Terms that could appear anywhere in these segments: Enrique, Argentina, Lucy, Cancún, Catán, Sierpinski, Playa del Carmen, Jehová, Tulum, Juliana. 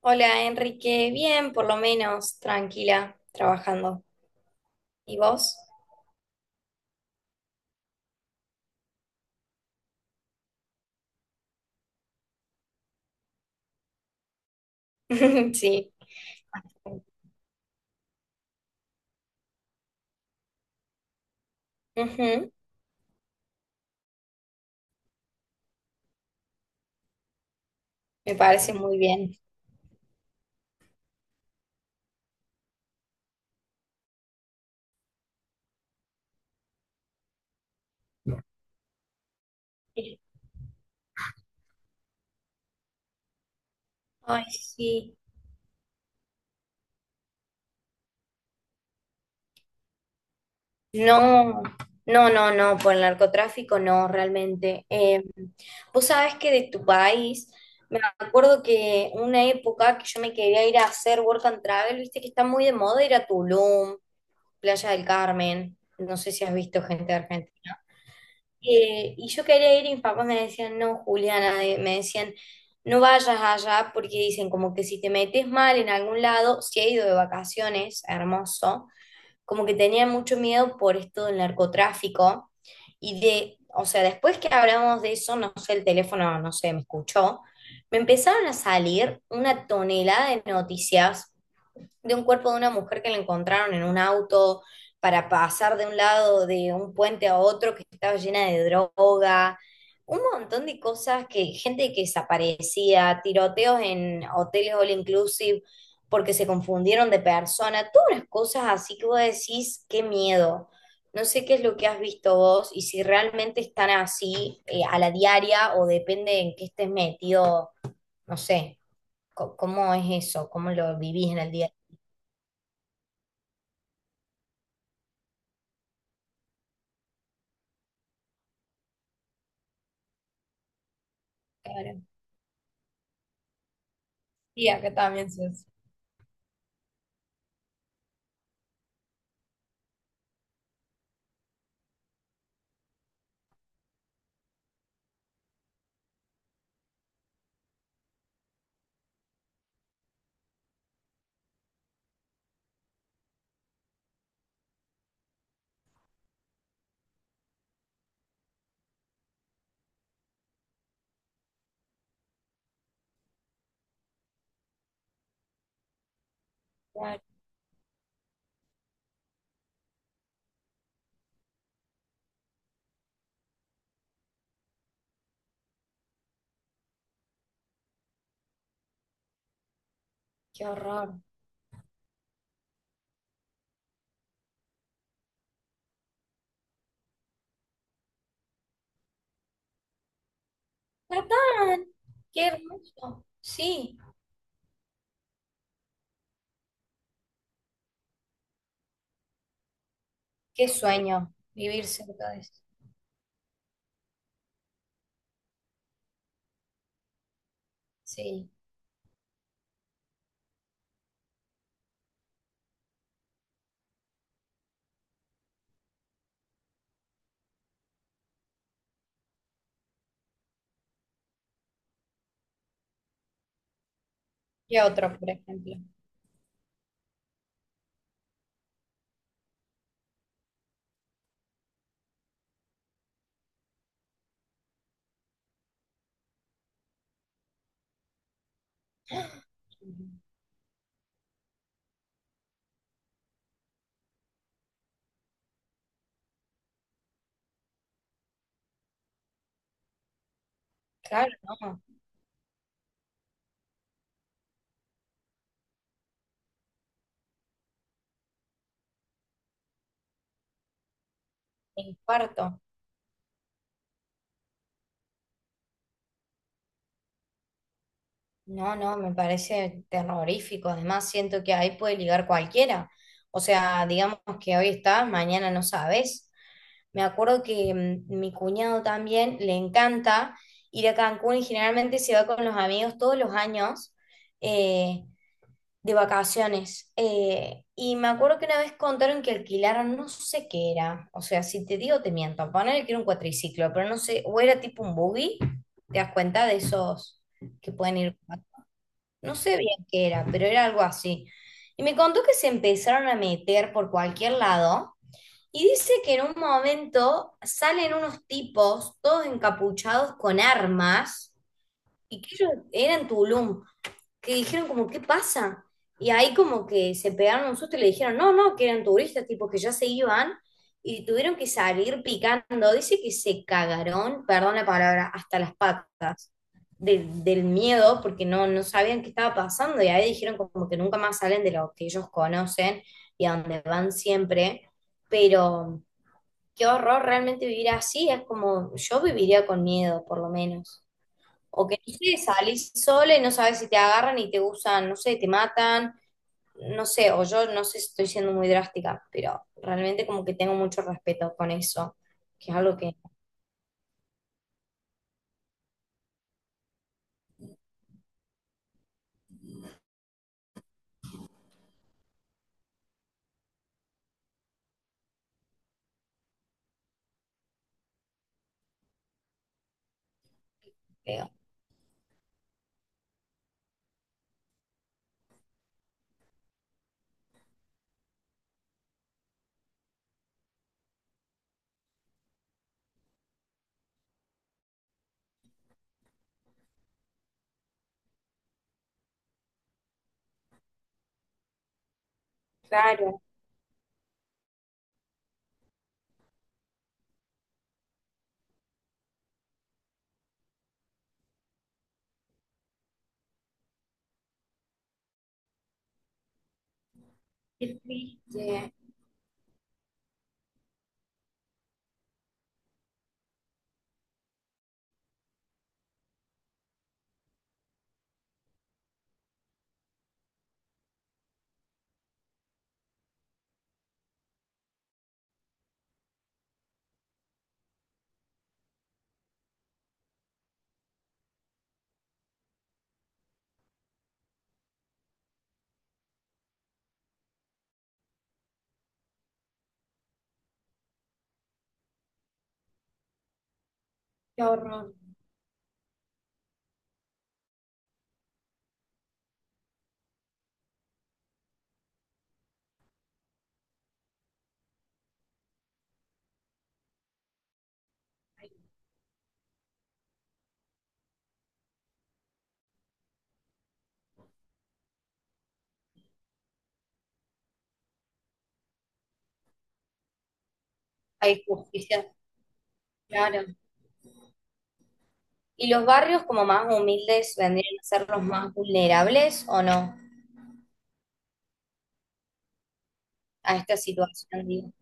Hola Enrique, bien, por lo menos, tranquila, trabajando. ¿Y vos? Sí. Ujú. Me parece muy bien. Ay, sí. No, no, no, no, por el narcotráfico no, realmente. Vos sabés que de tu país, me acuerdo que una época que yo me quería ir a hacer work and travel, viste que está muy de moda ir a Tulum, Playa del Carmen. No sé si has visto gente de Argentina. Y yo quería ir y mis papás me decían, no, Juliana, me decían, no vayas allá porque dicen como que si te metes mal en algún lado, si he ido de vacaciones, hermoso, como que tenía mucho miedo por esto del narcotráfico y de, o sea, después que hablamos de eso, no sé, el teléfono, no sé, me escuchó, me empezaron a salir una tonelada de noticias de un cuerpo de una mujer que le encontraron en un auto para pasar de un lado de un puente a otro que estaba llena de droga, un montón de cosas que gente que desaparecía, tiroteos en hoteles all inclusive porque se confundieron de persona, todas las cosas así que vos decís, qué miedo. No sé qué es lo que has visto vos y si realmente están así a la diaria o depende en qué estés metido, no sé, cómo es eso, cómo lo vivís en el día. Claro. Y acá también se hace. Claro, qué horror. Catán, qué hermoso. Sí, qué sueño vivir cerca de eso. Sí. ¿Qué otro, por ejemplo? Claro, no. Me infarto. No, no, me parece terrorífico. Además, siento que ahí puede ligar cualquiera. O sea, digamos que hoy estás, mañana no sabes. Me acuerdo que mi cuñado también le encanta ir a Cancún y generalmente se va con los amigos todos los años, eh, de vacaciones. Y me acuerdo que una vez contaron que alquilaron, no sé qué era. O sea, si te digo, te miento. Poner que era un cuatriciclo, pero no sé, o era tipo un buggy. ¿Te das cuenta de esos que pueden ir? No sé bien qué era, pero era algo así. Y me contó que se empezaron a meter por cualquier lado y dice que en un momento salen unos tipos, todos encapuchados con armas, y que ellos eran Tulum, que dijeron como, ¿qué pasa? Y ahí como que se pegaron un susto y le dijeron, no, no, que eran turistas, tipo que ya se iban y tuvieron que salir picando. Dice que se cagaron, perdón la palabra, hasta las patas del miedo porque no, no sabían qué estaba pasando y ahí dijeron como que nunca más salen de lo que ellos conocen y a donde van siempre. Pero qué horror realmente vivir así, es como yo viviría con miedo por lo menos. O que no sé, salís sola y no sabes si te agarran y te usan, no sé, te matan, no sé, o yo no sé si estoy siendo muy drástica, pero realmente como que tengo mucho respeto con eso, que es algo que veo. Claro, qué triste, qué horror. Hay justicia, claro. ¿Y los barrios como más humildes vendrían a ser los más vulnerables o no a esta situación, digo,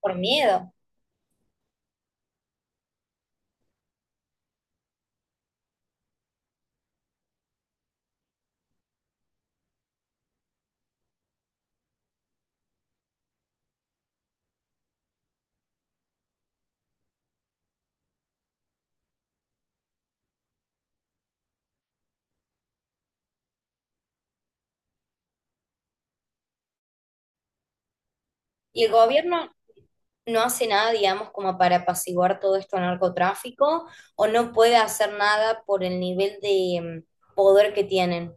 por miedo? ¿Y el gobierno no hace nada, digamos, como para apaciguar todo esto al narcotráfico, o no puede hacer nada por el nivel de poder que tienen?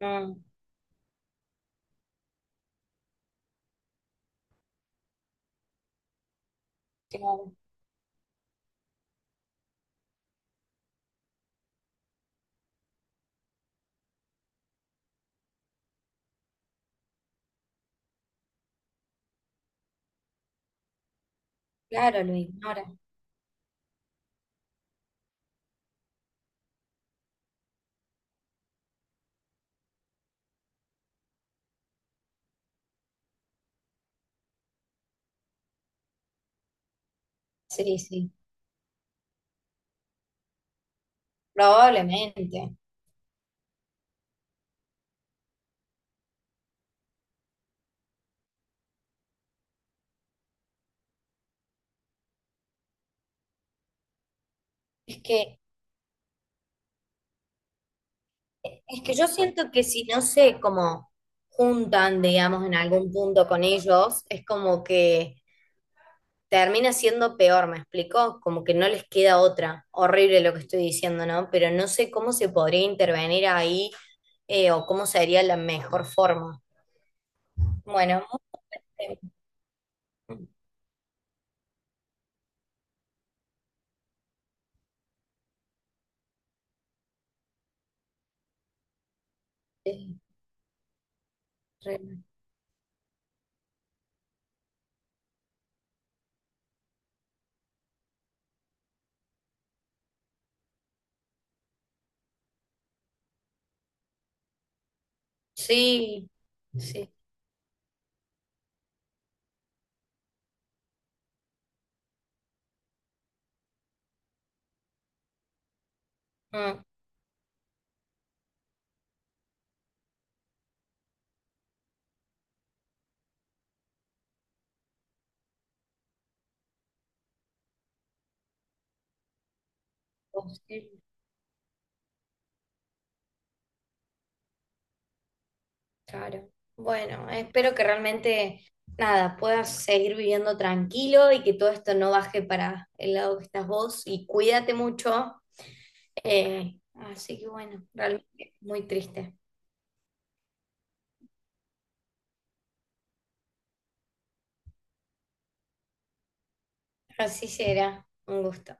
No, claro, claro, lo ignora. Sí, sí, probablemente. Es que, es que yo siento que si no se como juntan, digamos, en algún punto con ellos, es como que termina siendo peor, ¿me explico? Como que no les queda otra. Horrible lo que estoy diciendo, ¿no? Pero no sé cómo se podría intervenir ahí, o cómo sería la mejor forma. Bueno, eh, eh, re- sí, sí. Mm, posible, claro. Bueno, espero que realmente, nada, puedas seguir viviendo tranquilo y que todo esto no baje para el lado que estás vos y cuídate mucho. Así que bueno, realmente muy triste. Así será. Un gusto.